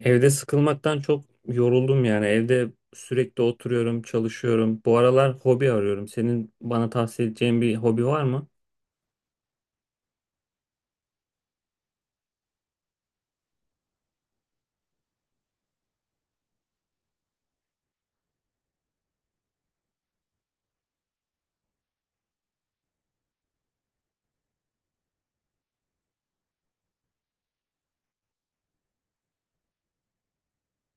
Evde sıkılmaktan çok yoruldum yani. Evde sürekli oturuyorum, çalışıyorum. Bu aralar hobi arıyorum. Senin bana tavsiye edeceğin bir hobi var mı?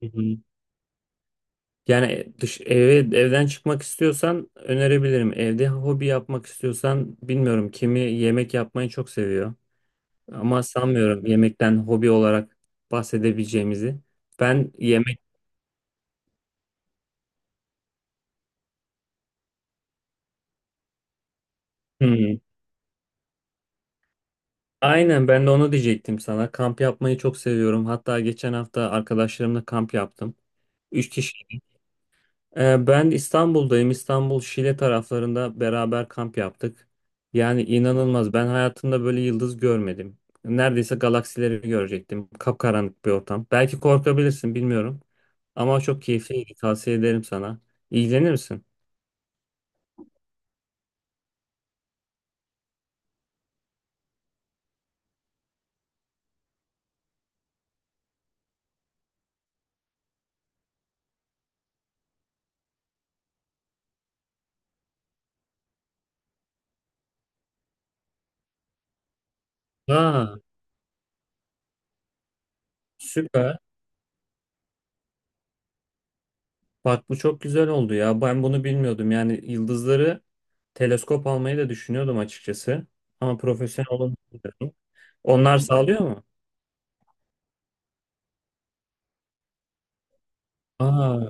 Hı hı. Yani dış eve evden çıkmak istiyorsan önerebilirim. Evde hobi yapmak istiyorsan bilmiyorum. Kimi yemek yapmayı çok seviyor. Ama sanmıyorum yemekten hobi olarak bahsedebileceğimizi. Ben yemek Hmm. Aynen ben de onu diyecektim sana. Kamp yapmayı çok seviyorum. Hatta geçen hafta arkadaşlarımla kamp yaptım. Üç kişi. Ben İstanbul'dayım. İstanbul Şile taraflarında beraber kamp yaptık. Yani inanılmaz. Ben hayatımda böyle yıldız görmedim. Neredeyse galaksileri görecektim. Kapkaranlık bir ortam. Belki korkabilirsin, bilmiyorum. Ama çok keyifliydi. Tavsiye ederim sana. İlgilenir misin? Aa, süper. Bak bu çok güzel oldu ya. Ben bunu bilmiyordum. Yani yıldızları teleskop almayı da düşünüyordum açıkçası. Ama profesyonel olamıyorum. Onlar sağlıyor mu? Aa,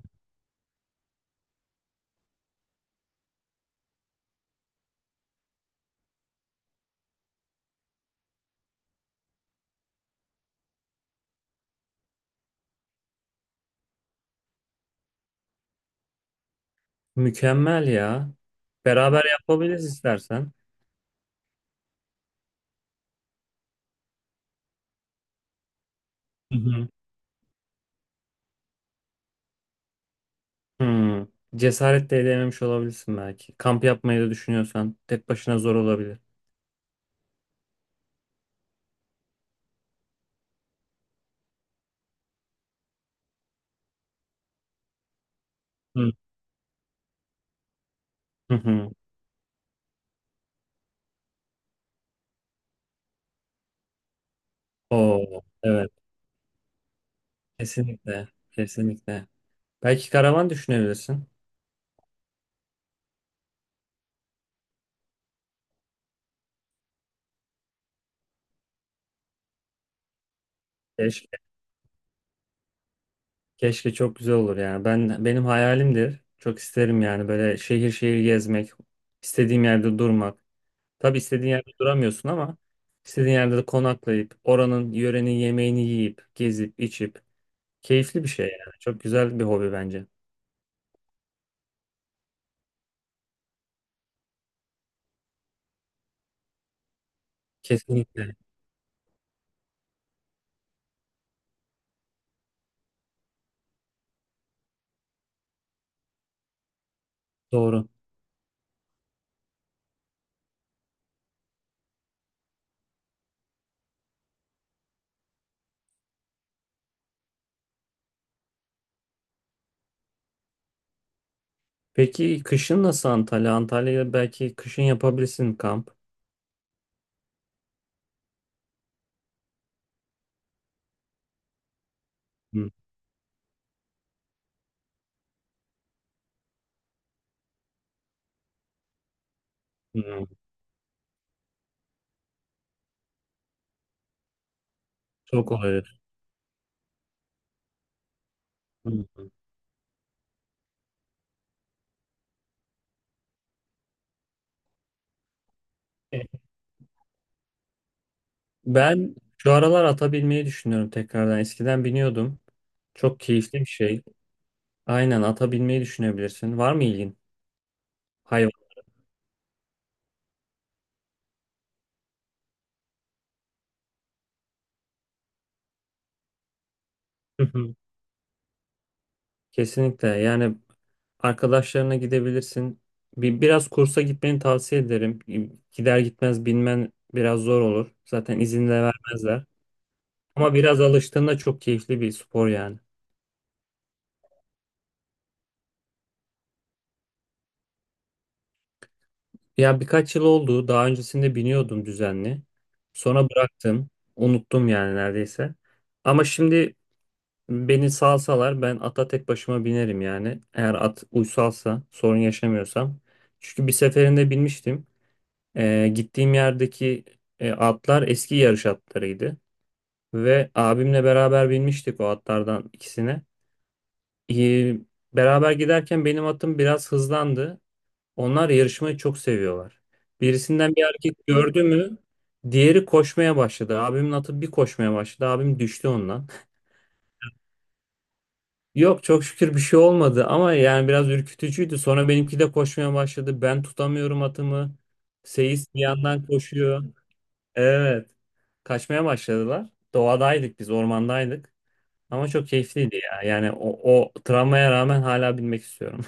mükemmel ya. Beraber yapabiliriz istersen. Hı hı. Hmm. Cesaret de edememiş olabilirsin belki. Kamp yapmayı da düşünüyorsan tek başına zor olabilir. Hı. Hı hı. Oo, evet. Kesinlikle. Kesinlikle. Belki karavan düşünebilirsin. Keşke, keşke çok güzel olur yani. Ben benim hayalimdir. Çok isterim yani böyle şehir şehir gezmek, istediğim yerde durmak. Tabii istediğin yerde duramıyorsun ama istediğin yerde de konaklayıp oranın yörenin yemeğini yiyip, gezip, içip keyifli bir şey yani. Çok güzel bir hobi bence. Kesinlikle. Doğru. Peki kışın nasıl Antalya? Antalya'da belki kışın yapabilirsin kamp. Hı. Hı. Çok olabilir. Hı. E, Ben şu aralar ata binmeyi düşünüyorum tekrardan. Eskiden biniyordum. Çok keyifli bir şey. Aynen ata binmeyi düşünebilirsin. Var mı ilgin? Hayvan. Hı hı. Kesinlikle. Yani arkadaşlarına gidebilirsin. Biraz kursa gitmeni tavsiye ederim. Gider gitmez binmen biraz zor olur. Zaten izin de vermezler. Ama biraz alıştığında çok keyifli bir spor yani. Ya birkaç yıl oldu. Daha öncesinde biniyordum düzenli. Sonra bıraktım. Unuttum yani neredeyse. Ama şimdi beni salsalar ben ata tek başıma binerim yani. Eğer at uysalsa sorun yaşamıyorsam. Çünkü bir seferinde binmiştim. Gittiğim yerdeki atlar eski yarış atlarıydı. Ve abimle beraber binmiştik o atlardan ikisine. Ee, beraber giderken benim atım biraz hızlandı. Onlar yarışmayı çok seviyorlar. Birisinden bir hareket gördü mü diğeri koşmaya başladı. Abimin atı bir koşmaya başladı. Abim düştü ondan. Yok, çok şükür bir şey olmadı ama yani biraz ürkütücüydü. Sonra benimki de koşmaya başladı. Ben tutamıyorum atımı. Seyis bir yandan koşuyor. Evet. Kaçmaya başladılar. Doğadaydık, biz ormandaydık. Ama çok keyifliydi ya. Yani o travmaya rağmen hala binmek istiyorum.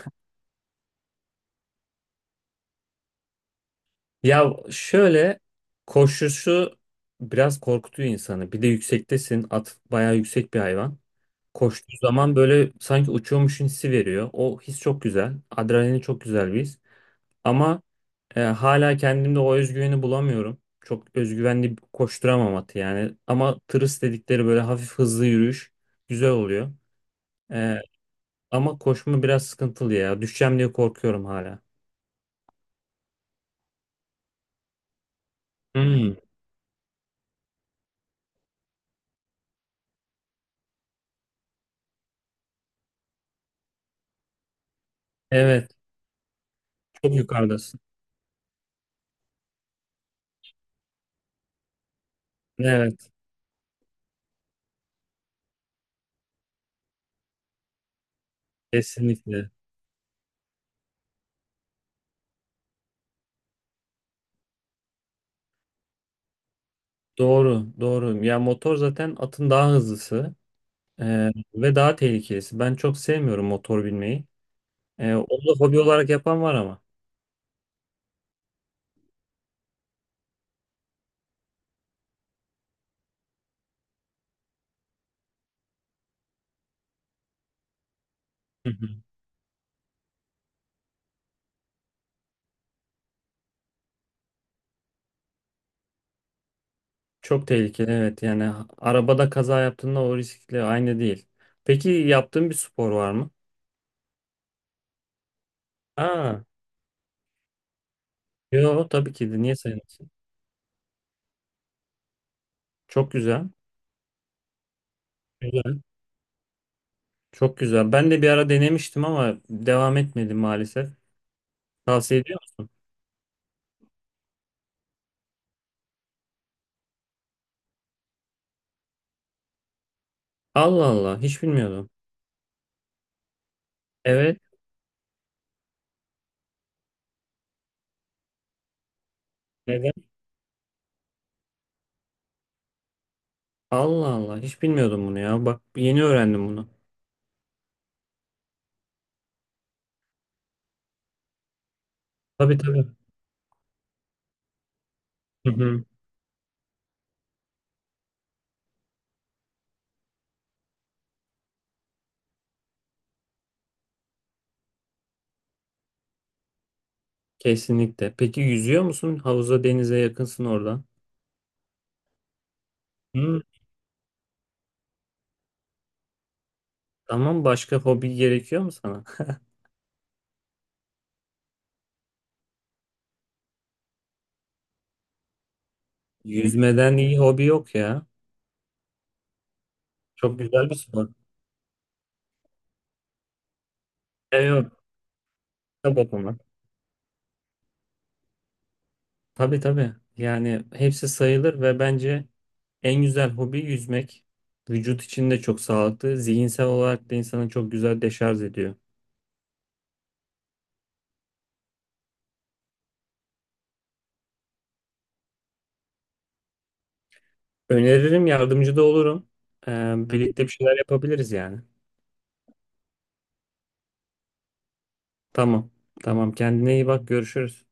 Ya şöyle, koşuşu biraz korkutuyor insanı. Bir de yüksektesin. At bayağı yüksek bir hayvan. Koştuğu zaman böyle sanki uçuyormuşsun hissi veriyor. O his çok güzel. Adrenalin çok güzel bir his. Ama hala kendimde o özgüveni bulamıyorum. Çok özgüvenli koşturamam atı yani. Ama tırıs dedikleri böyle hafif hızlı yürüyüş güzel oluyor. E, ama koşma biraz sıkıntılı ya. Düşeceğim diye korkuyorum hala. Hmm, evet. Çok yukarıdasın. Evet. Kesinlikle. Doğru, doğru. Ya motor zaten atın daha hızlısı ve daha tehlikelisi. Ben çok sevmiyorum motor binmeyi. Onu da hobi olarak yapan var ama. Hı hı. Çok tehlikeli, evet. Yani arabada kaza yaptığında o riskle aynı değil. Peki yaptığın bir spor var mı? Aa, yo tabii ki de niye sayılmasın? Çok güzel. Güzel. Çok güzel. Ben de bir ara denemiştim ama devam etmedim maalesef. Tavsiye ediyor musun? Allah Allah, hiç bilmiyordum. Evet. Allah Allah, hiç bilmiyordum bunu ya. Bak yeni öğrendim bunu. Tabii tabii. Hı hı. Kesinlikle. Peki yüzüyor musun? Havuza, denize yakınsın oradan. Hı. Tamam, başka hobi gerekiyor mu sana? Yüzmeden iyi hobi yok ya. Çok güzel bir spor. Evet. Kitap okumak. Tabii tabii. Yani hepsi sayılır ve bence en güzel hobi yüzmek. Vücut için de çok sağlıklı. Zihinsel olarak da insanı çok güzel deşarj ediyor. Öneririm, yardımcı da olurum. Birlikte bir şeyler yapabiliriz yani. Tamam. Tamam. Kendine iyi bak. Görüşürüz.